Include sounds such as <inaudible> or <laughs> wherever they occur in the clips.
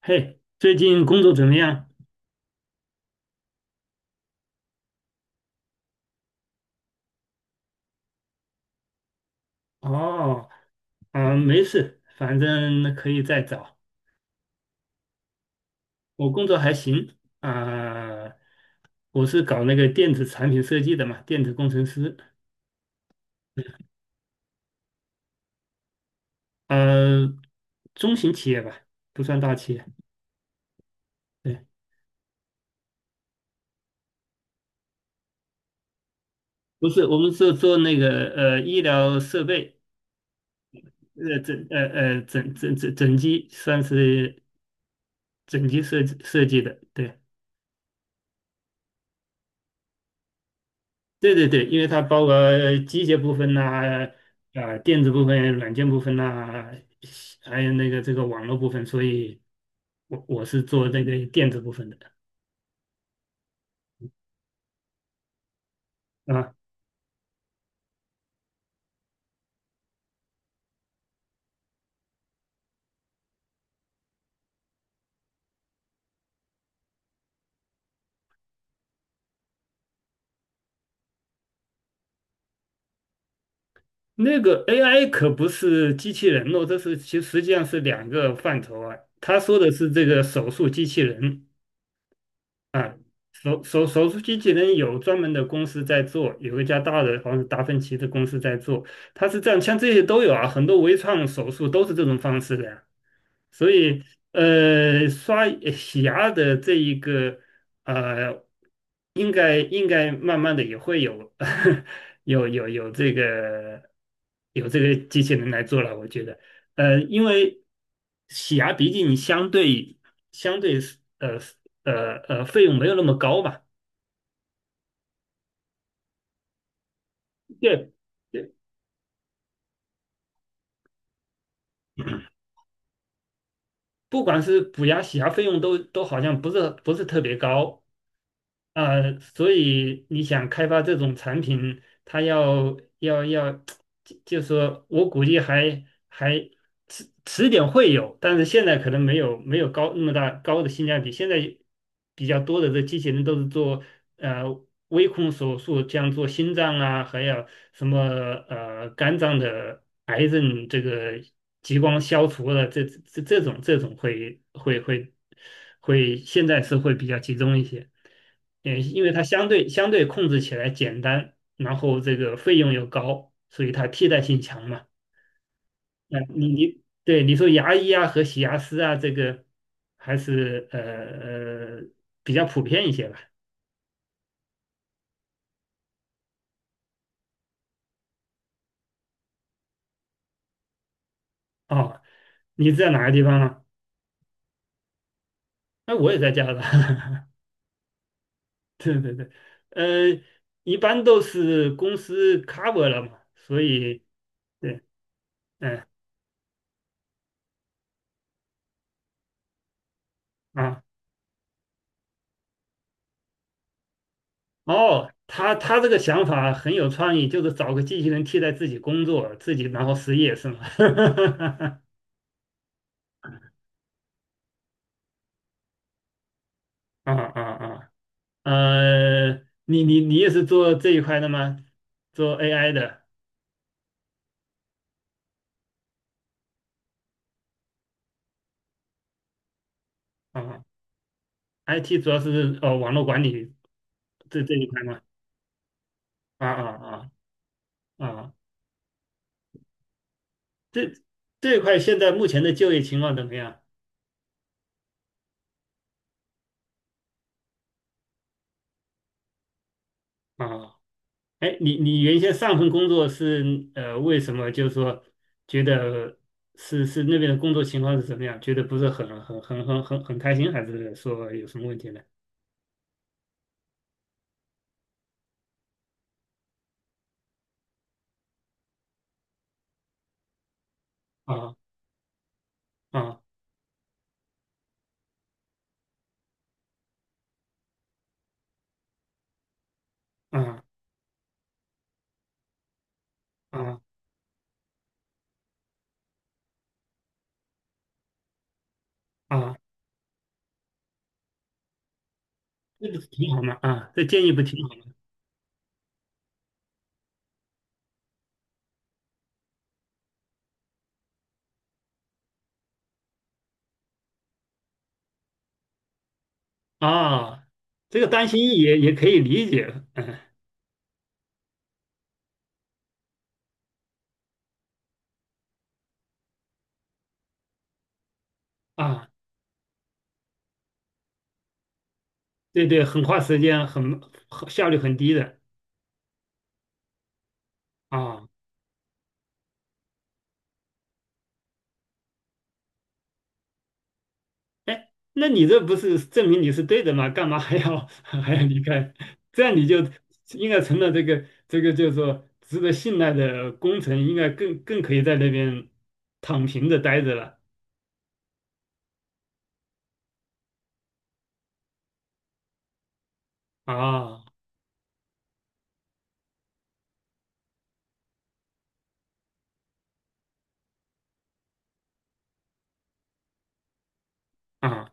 嘿，最近工作怎么样？哦，啊，没事，反正可以再找。我工作还行啊，我是搞那个电子产品设计的嘛，电子工程师。呃，中型企业吧，不算大企业。对，不是，我们是做那个医疗设备，整机，算是整机设计的。对，对对对，因为它包括机械部分呐、啊，电子部分、软件部分呐、还有那个这个网络部分，所以我是做那个电子部分的啊。那个 AI 可不是机器人哦，这是其实实际上是两个范畴啊。他说的是这个手术机器人，啊，手术机器人有专门的公司在做，有一家大的好像是达芬奇的公司在做，它是这样，像这些都有啊，很多微创手术都是这种方式的呀。所以，洗牙的这一个，呃，应该慢慢的也会有 <laughs> 有这个有这个机器人来做了，我觉得，因为洗牙毕竟相对相对是呃费用没有那么高嘛，对，对不管是补牙洗牙费用都好像不是特别高，所以你想开发这种产品，它要，就说我估计还迟点会有，但是现在可能没有那么高的性价比。现在比较多的这机器人都是做呃微控手术，像做心脏啊，还有什么肝脏的癌症这个激光消除了，这这这种这种会会会会，现在是会比较集中一些。也因为它相对控制起来简单，然后这个费用又高，所以它替代性强嘛。那你你说牙医啊和洗牙师啊，这个还是呃比较普遍一些吧。哦，你在哪个地方啊？那我也在加拿大。<laughs> 对对对，呃，一般都是公司 cover 了嘛，所以对，嗯啊。哦，他这个想法很有创意，就是找个机器人替代自己工作，自己然后失业是吗？<laughs> 啊啊啊！呃，你也是做这一块的吗？做 AI 的啊，IT 主要是网络管理这一块吗？啊啊啊啊！这这一块现在目前的就业情况怎么样？啊哎，你你原先上份工作是呃，为什么就是说觉得是那边的工作情况是怎么样？觉得不是很开心，还是说有什么问题呢？啊啊啊啊啊，这个挺好嘛啊，这建议不挺好吗？啊，这个担心也可以理解，嗯啊，对对，很花时间，很效率很低的啊哎，那你这不是证明你是对的吗？干嘛还要 <laughs> 还要离开？这样你就应该成了这个叫说值得信赖的工程，应该更可以在那边躺平着待着了啊啊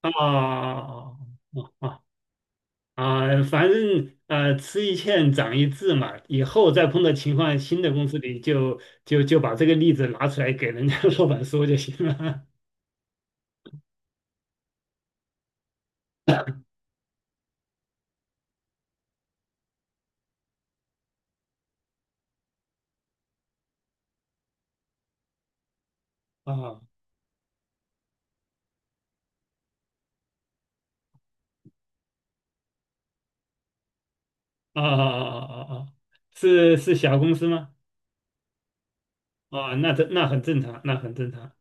啊啊啊！啊！反正呃，吃一堑长一智嘛，以后再碰到情况，新的公司里就把这个例子拿出来给人家 <laughs> 老板说就行了 <laughs> 啊啊啊啊啊！啊！是是小公司吗？啊，那这那很正常，那很正常，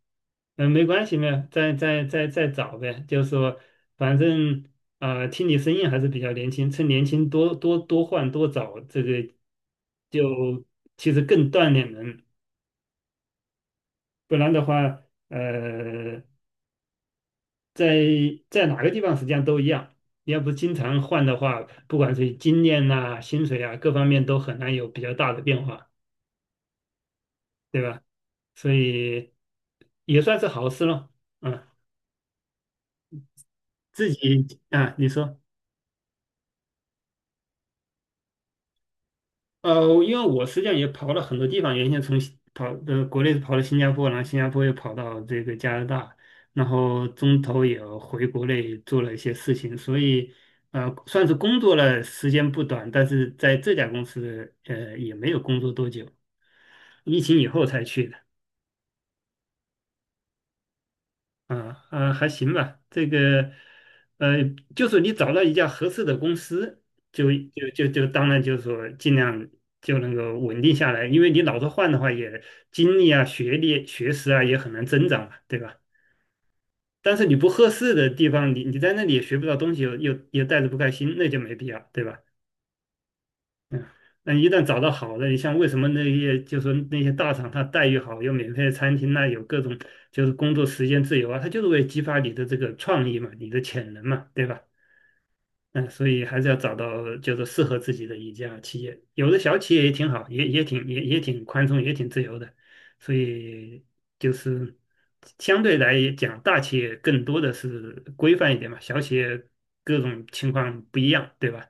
嗯，没关系，没有，再找呗，就是说，反正啊、听你声音还是比较年轻，趁年轻多换多找，这个就其实更锻炼人，不然的话，呃，在在哪个地方实际上都一样，你要不经常换的话，不管是经验呐、薪水啊各方面都很难有比较大的变化，对吧？所以也算是好事了，嗯。自己啊，你说，因为我实际上也跑了很多地方，原先从新跑呃国内跑到新加坡，然后新加坡又跑到这个加拿大，然后中途也回国内做了一些事情，所以算是工作了时间不短，但是在这家公司也没有工作多久，疫情以后才去的。啊啊，还行吧。这个，呃，就是你找到一家合适的公司，就当然就是说尽量就能够稳定下来，因为你老是换的话，也精力啊、学历、学识啊也很难增长嘛，对吧？但是你不合适的地方，你在那里也学不到东西，又带着不开心，那就没必要，对吧？<laughs> 嗯，那一旦找到好的，你像为什么那些就是说那些大厂，它待遇好，有免费的餐厅呐，有各种就是工作时间自由啊，它就是为激发你的这个创意嘛，你的潜能嘛，对吧？嗯，所以还是要找到就是适合自己的一家企业，有的小企业也挺好，也挺宽松，也挺自由的，所以就是相对来讲，大企业更多的是规范一点嘛，小企业各种情况不一样，对吧？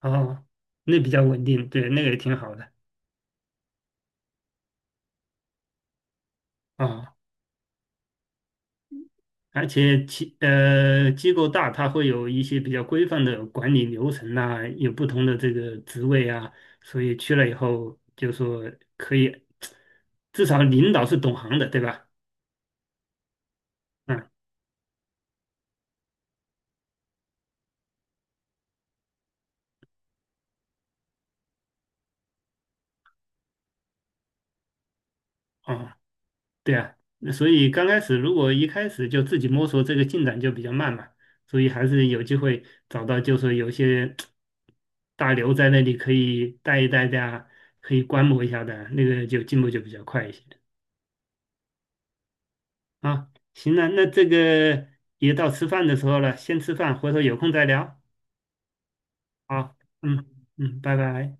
哦，那比较稳定，对，那个也挺好的啊。而且机构大，它会有一些比较规范的管理流程呐、有不同的这个职位啊，所以去了以后就说可以，至少领导是懂行的，对吧？嗯，哦对啊，那所以刚开始如果一开始就自己摸索，这个进展就比较慢嘛，所以还是有机会找到，就是有些大牛在那里可以带一带的啊，可以观摩一下的啊，那个就进步就比较快一些啊。行了，那这个也到吃饭的时候了，先吃饭，回头有空再聊。好，嗯嗯，拜拜。